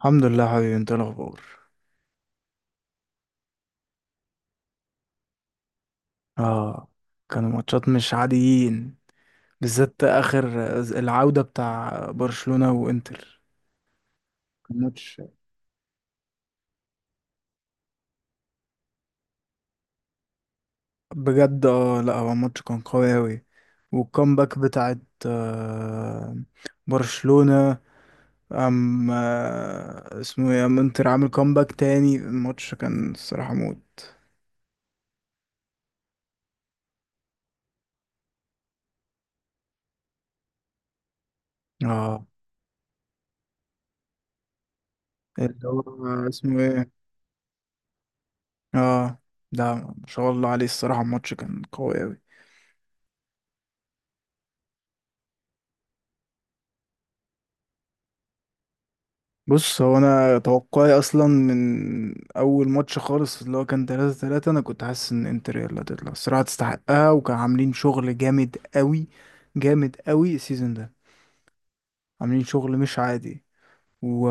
الحمد لله حبيبي، انت ايه الاخبار؟ اه كانوا ماتشات مش عاديين، بالذات اخر العودة بتاع برشلونة وانتر. كان ماتش، بجد. اه لا، هو الماتش كان قوي اوي. والكامباك بتاعت آه برشلونة، ام آه اسمه ايه، انتر عامل كامباك تاني. الماتش كان الصراحة موت. اه اللي هو اسمه ايه. اه ده ما شاء الله عليه، الصراحة الماتش كان قوي اوي. بص، هو انا توقعي اصلا من اول ماتش خالص اللي هو كان 3-3، انا كنت حاسس ان انتر هي اللي هتطلع الصراحه، تستحقها. وكان عاملين شغل جامد قوي، جامد قوي السيزون ده. عاملين شغل مش عادي، و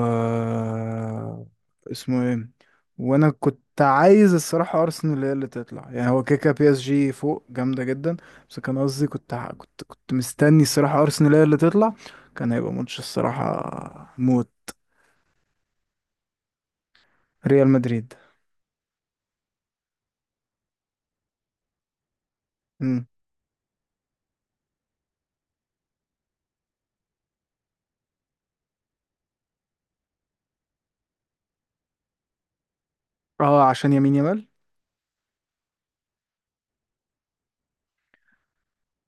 اسمه ايه وانا كنت عايز الصراحه ارسنال هي اللي تطلع، يعني هو كيكا PSG فوق جامده جدا. بس كان قصدي، كنت ع- كنت كنت مستني الصراحه ارسنال هي اللي تطلع. كان هيبقى ماتش الصراحه موت. ريال مدريد. اه عشان يمين يامال.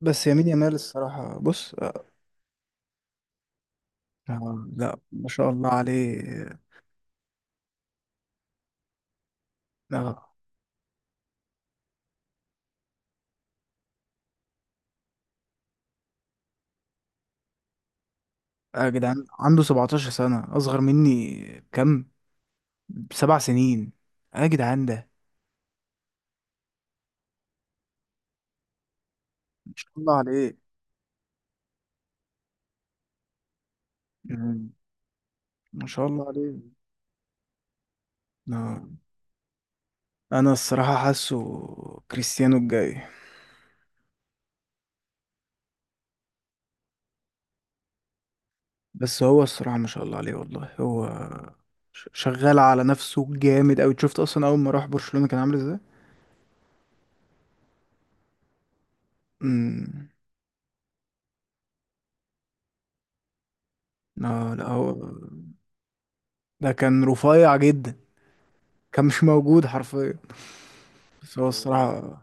بس يمين يامال الصراحة، بص. لا، ما شاء الله عليه. آه يا جدعان عنده 17 سنة، أصغر مني كم؟ 7 سنين. يا جدعان ده، ما شاء الله عليه. مم. ما شاء الله عليه. آه. أنا الصراحة حاسه كريستيانو الجاي. بس هو الصراحة ما شاء الله عليه والله. هو شغال على نفسه جامد أوي. شفت أصلا أول ما راح برشلونة كان عامل ازاي؟ مم. اه لا، هو ده كان رفيع جدا، كان مش موجود حرفيا. بس هو الصراحة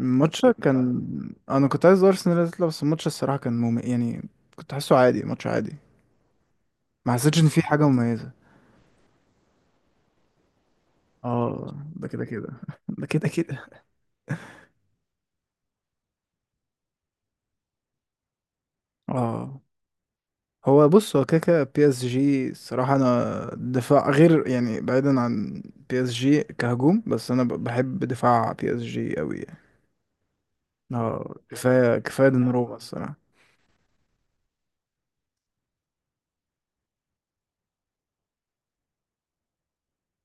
الماتش كان انا كنت عايز ارسنال اللي تطلع. بس الماتش الصراحة كان، يعني كنت حاسه عادي، ماتش عادي. ما حسيتش ان في حاجة مميزة. اه ده كده كده. ده كده كده. اه هو، بص، هو كده كده PSG الصراحة. انا دفاع، غير يعني، بعيدا عن PSG كهجوم، بس انا بحب دفاع PSG قوي يعني. اه كفاية كفاية دوناروما الصراحة.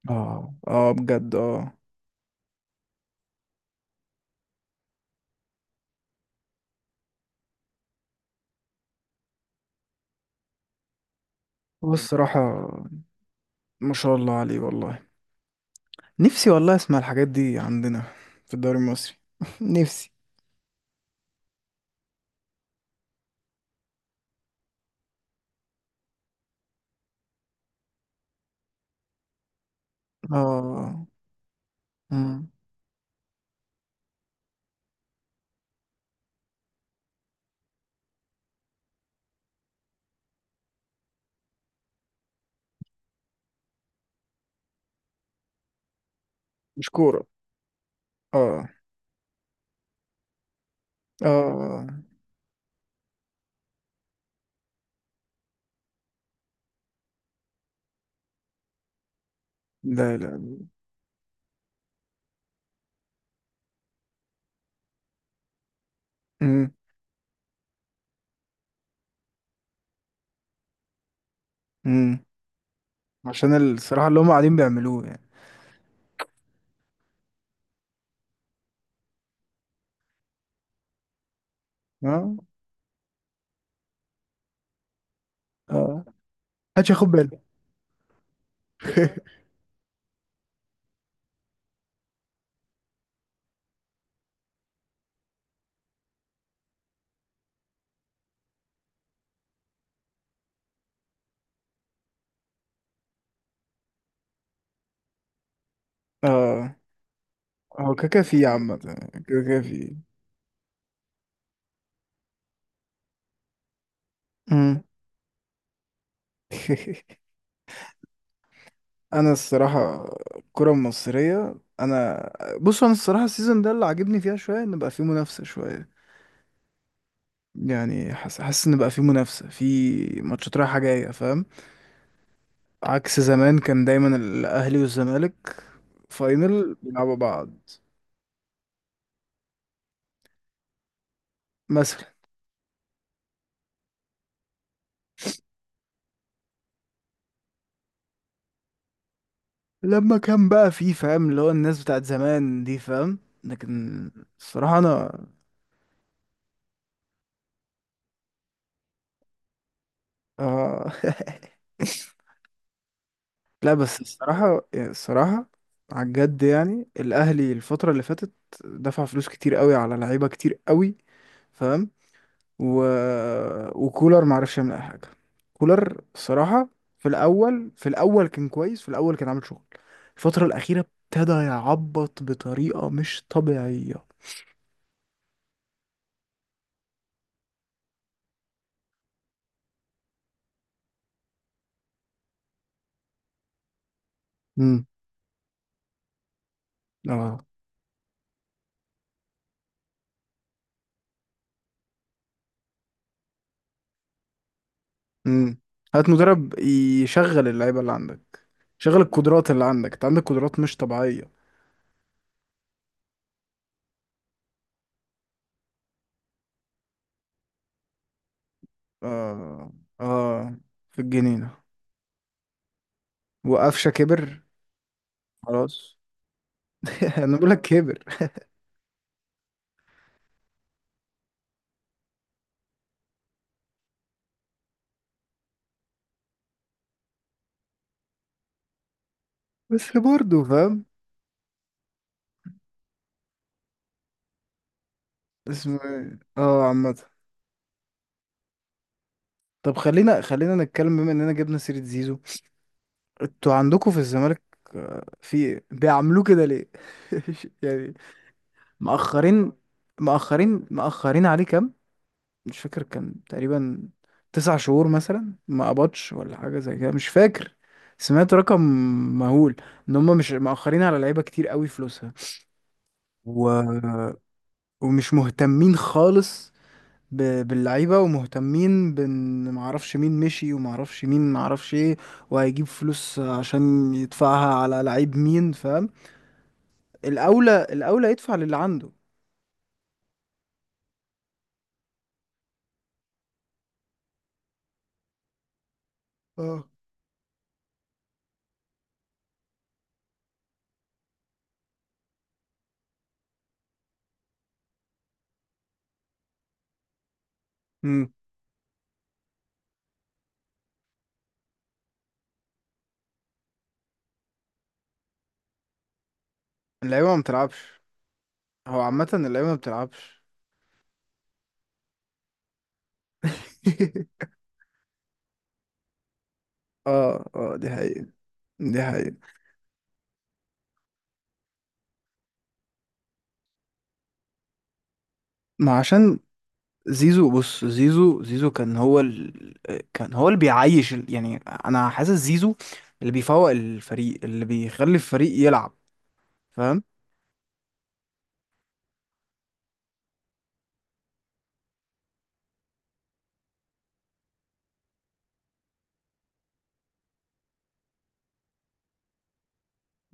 اه بجد. اه هو الصراحة ما شاء الله عليه والله. نفسي والله اسمع الحاجات دي عندنا في الدوري المصري. نفسي. اه مم. مش كورة. اه اه لا، لا. مم. مم. عشان الصراحة اللي هم قاعدين بيعملوه يعني. اه اه محدش ياخد باله. اه هو كاكا في عامة. كاكا في. مم. انا الصراحة الكرة المصرية انا بص، انا الصراحة السيزون ده اللي عاجبني فيها شوية ان بقى فيه منافسة شوية. يعني حاسس ان بقى في منافسه، في ماتشات رايحه جايه، فاهم. عكس زمان، كان دايما الاهلي والزمالك فاينل بيلعبوا بعض. مثلا لما كان بقى في، فاهم، اللي هو الناس بتاعت زمان دي، فاهم. لكن الصراحه، انا، آه. لا بس الصراحه على الجد، يعني الاهلي الفتره اللي فاتت دفع فلوس كتير قوي على لعيبه كتير قوي، فاهم. و... وكولر ما عرفش يعمل اي حاجه. كولر، الصراحه، في الاول كان كويس، في الاول كان عامل شغل. الفتره الاخيره ابتدى يعبط بطريقه مش طبيعيه. امم اه امم هات مدرب يشغل اللعيبه اللي عندك، شغل القدرات اللي عندك. انت عندك قدرات مش طبيعيه. اه اه في الجنينه وقفشه كبر. خلاص. انا بقول لك كبر. بس برضه فاهم، اسمه ايه، عامه. طب، خلينا نتكلم، بما اننا جبنا سيرة زيزو. انتوا عندكم في الزمالك، آه، في بيعملوه كده ليه؟ يعني مأخرين، مأخرين عليه كام. مش فاكر، كان تقريبا 9 شهور مثلا ما قبضش ولا حاجة زي كده، مش فاكر. سمعت رقم مهول ان هم مش مأخرين على لعيبة كتير قوي فلوسها. و... ومش مهتمين خالص باللعيبة، ومهتمين بان معرفش مين مشي ومعرفش مين معرفش ايه، وهيجيب فلوس عشان يدفعها على لعيب مين، فاهم. الأولى يدفع للي عنده. اه امم اللعيبة ما بتلعبش. هو عامة اللعيبة ما بتلعبش. اه دي حقيقة، دي حقيقة. ما عشان زيزو، بص، زيزو كان هو كان هو اللي بيعيش يعني انا حاسس زيزو اللي بيفوق الفريق، اللي بيخلي الفريق يلعب، فاهم.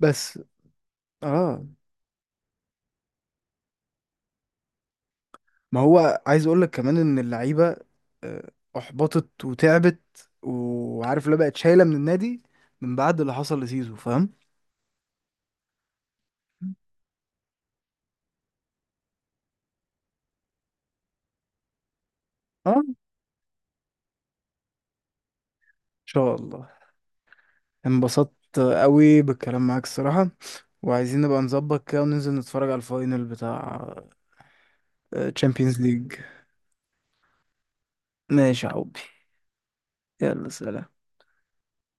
بس. اه ما هو، عايز اقول لك كمان ان اللعيبه، آه، احبطت وتعبت. وعارف، لا، بقت شايله من النادي من بعد اللي حصل لسيزو، فاهم. اه ان شاء الله. انبسطت قوي بالكلام معاك الصراحه، وعايزين نبقى نظبط كده وننزل نتفرج على الفاينل بتاع تشامبيونز ليج. ماشي يا حبي، يلا سلام.